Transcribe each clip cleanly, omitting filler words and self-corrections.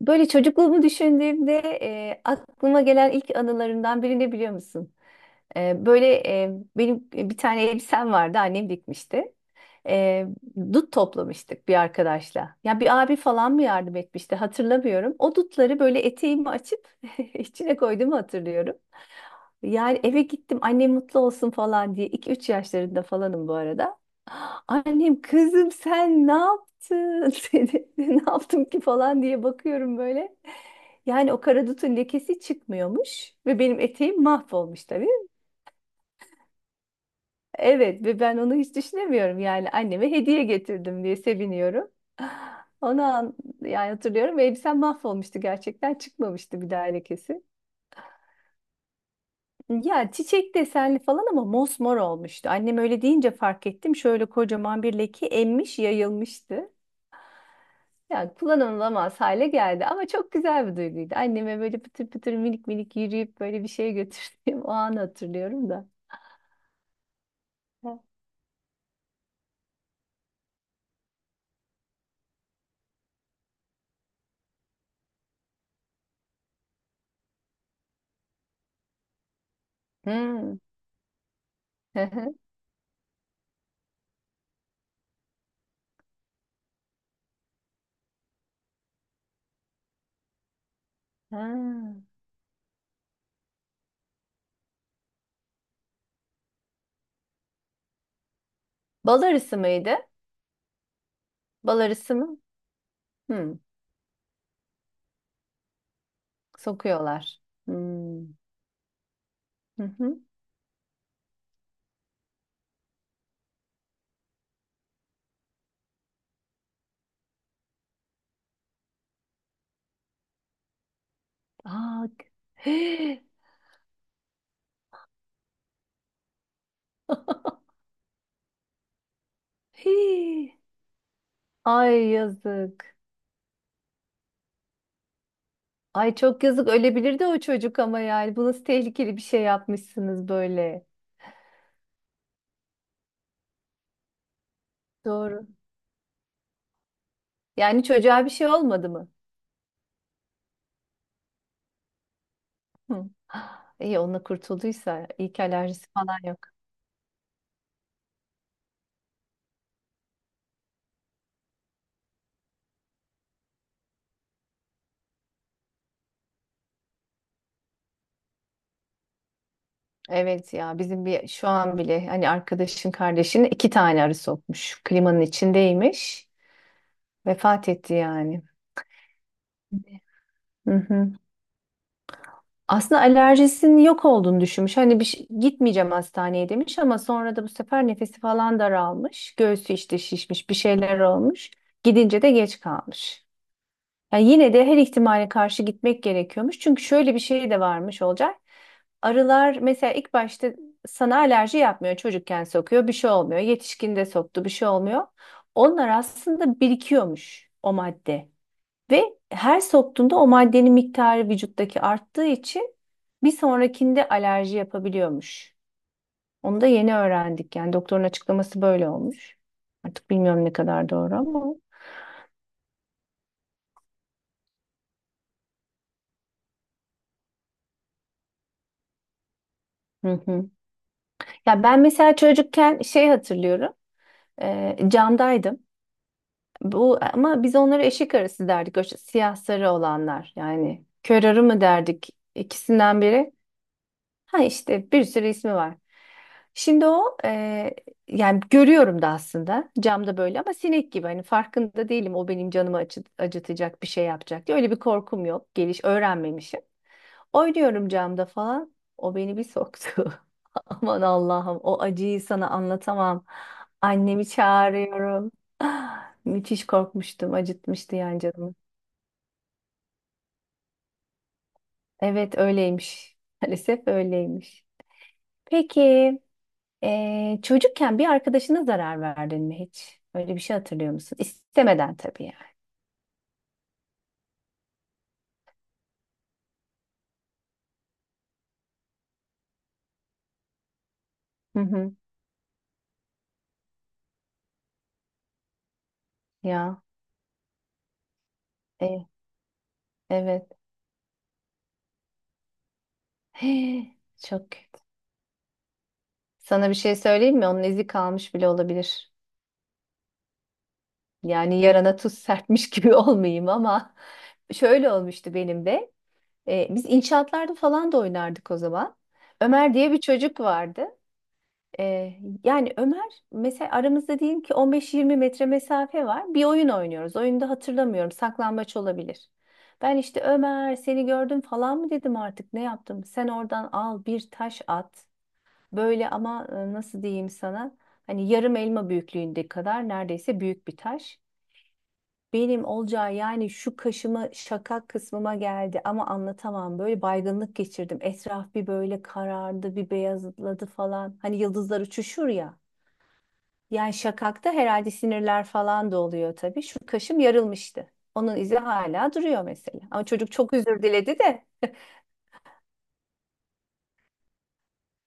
Böyle çocukluğumu düşündüğümde aklıma gelen ilk anılarımdan biri ne biliyor musun? Böyle e, benim bir tane elbisem vardı, annem dikmişti. E, Dut toplamıştık bir arkadaşla. Ya bir abi falan mı yardım etmişti, hatırlamıyorum. O dutları böyle eteğimi açıp içine koyduğumu hatırlıyorum. Yani eve gittim, annem mutlu olsun falan diye. 2-3 yaşlarında falanım bu arada. Annem, kızım sen ne yaptın? Seni ne yaptım ki falan diye bakıyorum böyle. Yani o karadutun lekesi çıkmıyormuş ve benim eteğim mahvolmuş tabii. Evet, ve ben onu hiç düşünemiyorum, yani anneme hediye getirdim diye seviniyorum. Onu an, Yani hatırlıyorum ve elbisem mahvolmuştu, gerçekten çıkmamıştı bir daha lekesi. Ya çiçek desenli falan ama mosmor olmuştu. Annem öyle deyince fark ettim. Şöyle kocaman bir leke emmiş, yayılmıştı. Yani kullanılamaz hale geldi ama çok güzel bir duyguydu. Anneme böyle pıtır pıtır, minik minik yürüyüp böyle bir şey götürdüğüm o anı hatırlıyorum da. Hmm. Ha. Bal arısı mıydı? Bal arısı mı? Hmm. Sokuyorlar. Hmm. Hı hı. Aa, Hii. Ay, yazık. Ay, çok yazık, ölebilirdi o çocuk. Ama yani bu nasıl tehlikeli bir şey yapmışsınız böyle. Doğru. Yani çocuğa bir şey olmadı mı? Hı. Ah, İyi onunla kurtulduysa, iyi ki alerjisi falan yok. Evet, ya bizim bir şu an bile hani arkadaşın kardeşinin iki tane arı sokmuş. Klimanın içindeymiş. Vefat etti yani. Hı hı. Aslında alerjisinin yok olduğunu düşünmüş. Hani gitmeyeceğim hastaneye demiş ama sonra da bu sefer nefesi falan daralmış. Göğsü işte şişmiş, bir şeyler olmuş. Gidince de geç kalmış. Yani yine de her ihtimale karşı gitmek gerekiyormuş. Çünkü şöyle bir şey de varmış olacak. Arılar mesela ilk başta sana alerji yapmıyor. Çocukken sokuyor, bir şey olmuyor. Yetişkinde soktu, bir şey olmuyor. Onlar aslında birikiyormuş, o madde. Ve her soktuğunda o maddenin miktarı vücuttaki arttığı için bir sonrakinde alerji yapabiliyormuş. Onu da yeni öğrendik. Yani doktorun açıklaması böyle olmuş. Artık bilmiyorum ne kadar doğru ama. Hı hı. Ya ben mesela çocukken şey hatırlıyorum. Camdaydım. Bu ama biz onlara eşek arısı derdik. O işte siyah sarı olanlar. Yani kör arı mı derdik? İkisinden biri. Ha, işte bir sürü ismi var. Şimdi o yani görüyorum da aslında camda böyle, ama sinek gibi hani, farkında değilim o benim canımı acıtacak bir şey yapacak diye, öyle bir korkum yok. Geliş öğrenmemişim. Oynuyorum camda falan. O beni bir soktu. Aman Allah'ım, o acıyı sana anlatamam. Annemi çağırıyorum. Ah, müthiş korkmuştum, acıtmıştı yani canımı. Evet, öyleymiş. Maalesef öyleymiş. Peki. Çocukken bir arkadaşına zarar verdin mi hiç? Öyle bir şey hatırlıyor musun? İstemeden tabii, yani. Hı hı. Ya, e, evet. Hii, çok kötü. Sana bir şey söyleyeyim mi? Onun izi kalmış bile olabilir. Yani yarana tuz serpmiş gibi olmayayım ama şöyle olmuştu benim de. Biz inşaatlarda falan da oynardık o zaman. Ömer diye bir çocuk vardı. Ee, Yani Ömer mesela aramızda diyelim ki 15-20 metre mesafe var. Bir oyun oynuyoruz. Oyunda hatırlamıyorum. Saklambaç olabilir. Ben işte Ömer seni gördüm falan mı dedim, artık ne yaptım? Sen oradan al bir taş at. Böyle ama nasıl diyeyim sana? Hani yarım elma büyüklüğünde kadar neredeyse, büyük bir taş. Benim olacağı yani şu kaşıma, şakak kısmıma geldi, ama anlatamam. Böyle baygınlık geçirdim. Etraf bir böyle karardı, bir beyazladı falan. Hani yıldızlar uçuşur ya. Yani şakakta herhalde sinirler falan da oluyor tabii. Şu kaşım yarılmıştı. Onun izi hala duruyor mesela. Ama çocuk çok özür diledi de.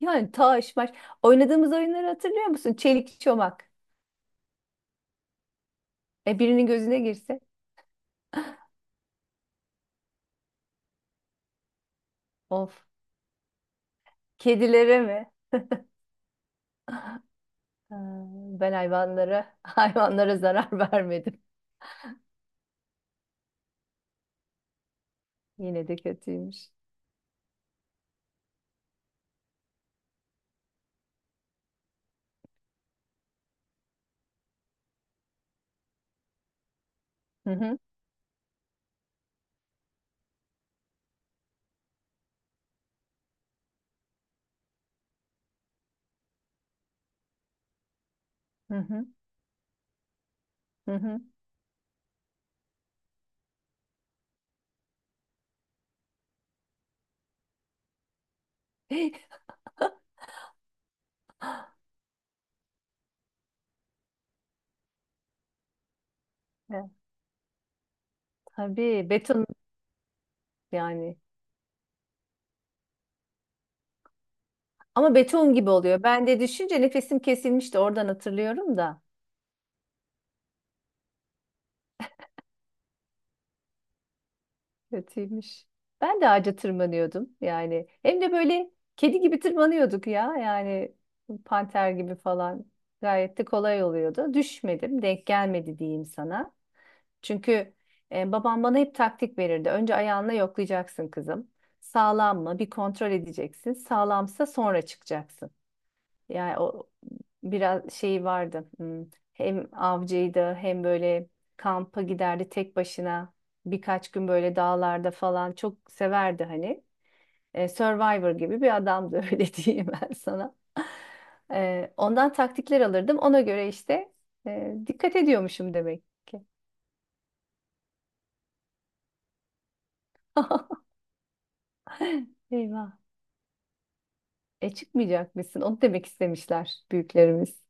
Yani taş maş. Oynadığımız oyunları hatırlıyor musun? Çelik çomak. E, birinin gözüne girse. Of. Kedilere mi? Ha, ben hayvanlara, hayvanlara zarar vermedim. Yine de kötüymüş. Hı hı, hı hı, hı hı. Ya, tabii, beton yani. Ama beton gibi oluyor. Ben de düşünce nefesim kesilmişti. Oradan hatırlıyorum da. Kötüymüş. Ben de ağaca tırmanıyordum yani. Hem de böyle kedi gibi tırmanıyorduk ya yani, panter gibi falan. Gayet de kolay oluyordu. Düşmedim, denk gelmedi diyeyim sana. Çünkü babam bana hep taktik verirdi. Önce ayağınla yoklayacaksın kızım. Sağlam mı? Bir kontrol edeceksin. Sağlamsa sonra çıkacaksın. Yani o biraz şey vardı. Hem avcıydı, hem böyle kampa giderdi tek başına. Birkaç gün böyle dağlarda falan, çok severdi hani. Survivor gibi bir adamdı, öyle diyeyim ben sana. Ondan taktikler alırdım. Ona göre işte dikkat ediyormuşum demek ki. Eyvah. E, çıkmayacak mısın? Onu demek istemişler büyüklerimiz.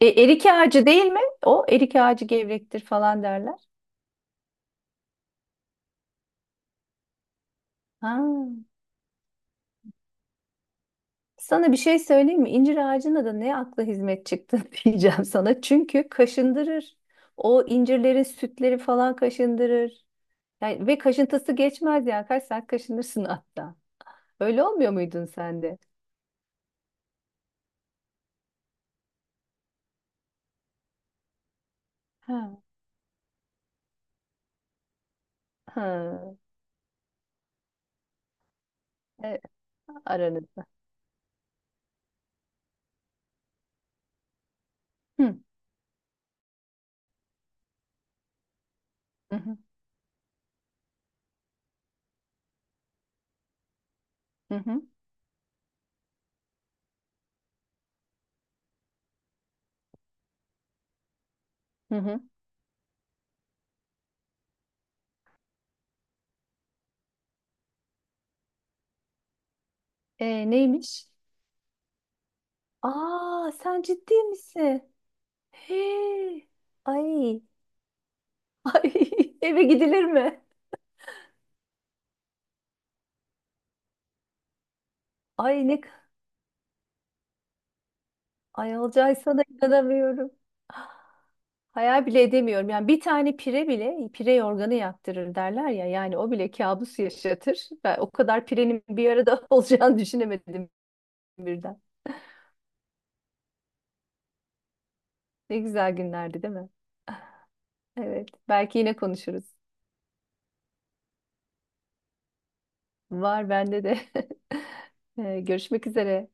Erik ağacı değil mi? O erik ağacı gevrektir falan derler. Ha. Sana bir şey söyleyeyim mi? İncir ağacına da ne akla hizmet çıktı diyeceğim sana. Çünkü kaşındırır. O incirlerin sütleri falan kaşındırır. Yani, ve kaşıntısı geçmez yani. Kaç saat kaşınırsın hatta. Öyle olmuyor muydun sen de? Ha. Ha. Evet, aranızda. Hı. Hı hı. Hı hı. Hı hı. Neymiş? Aa, sen ciddi misin? Hey. Ay. Ay. Eve gidilir mi? Ay ne Ay, Olcay, sana inanamıyorum. Hayal bile edemiyorum. Yani bir tane pire bile pire yorganı yaktırır derler ya. Yani o bile kabus yaşatır. Ben o kadar pirenin bir arada olacağını düşünemedim birden. Ne güzel günlerdi değil mi? Evet. Belki yine konuşuruz. Var bende de. Görüşmek üzere.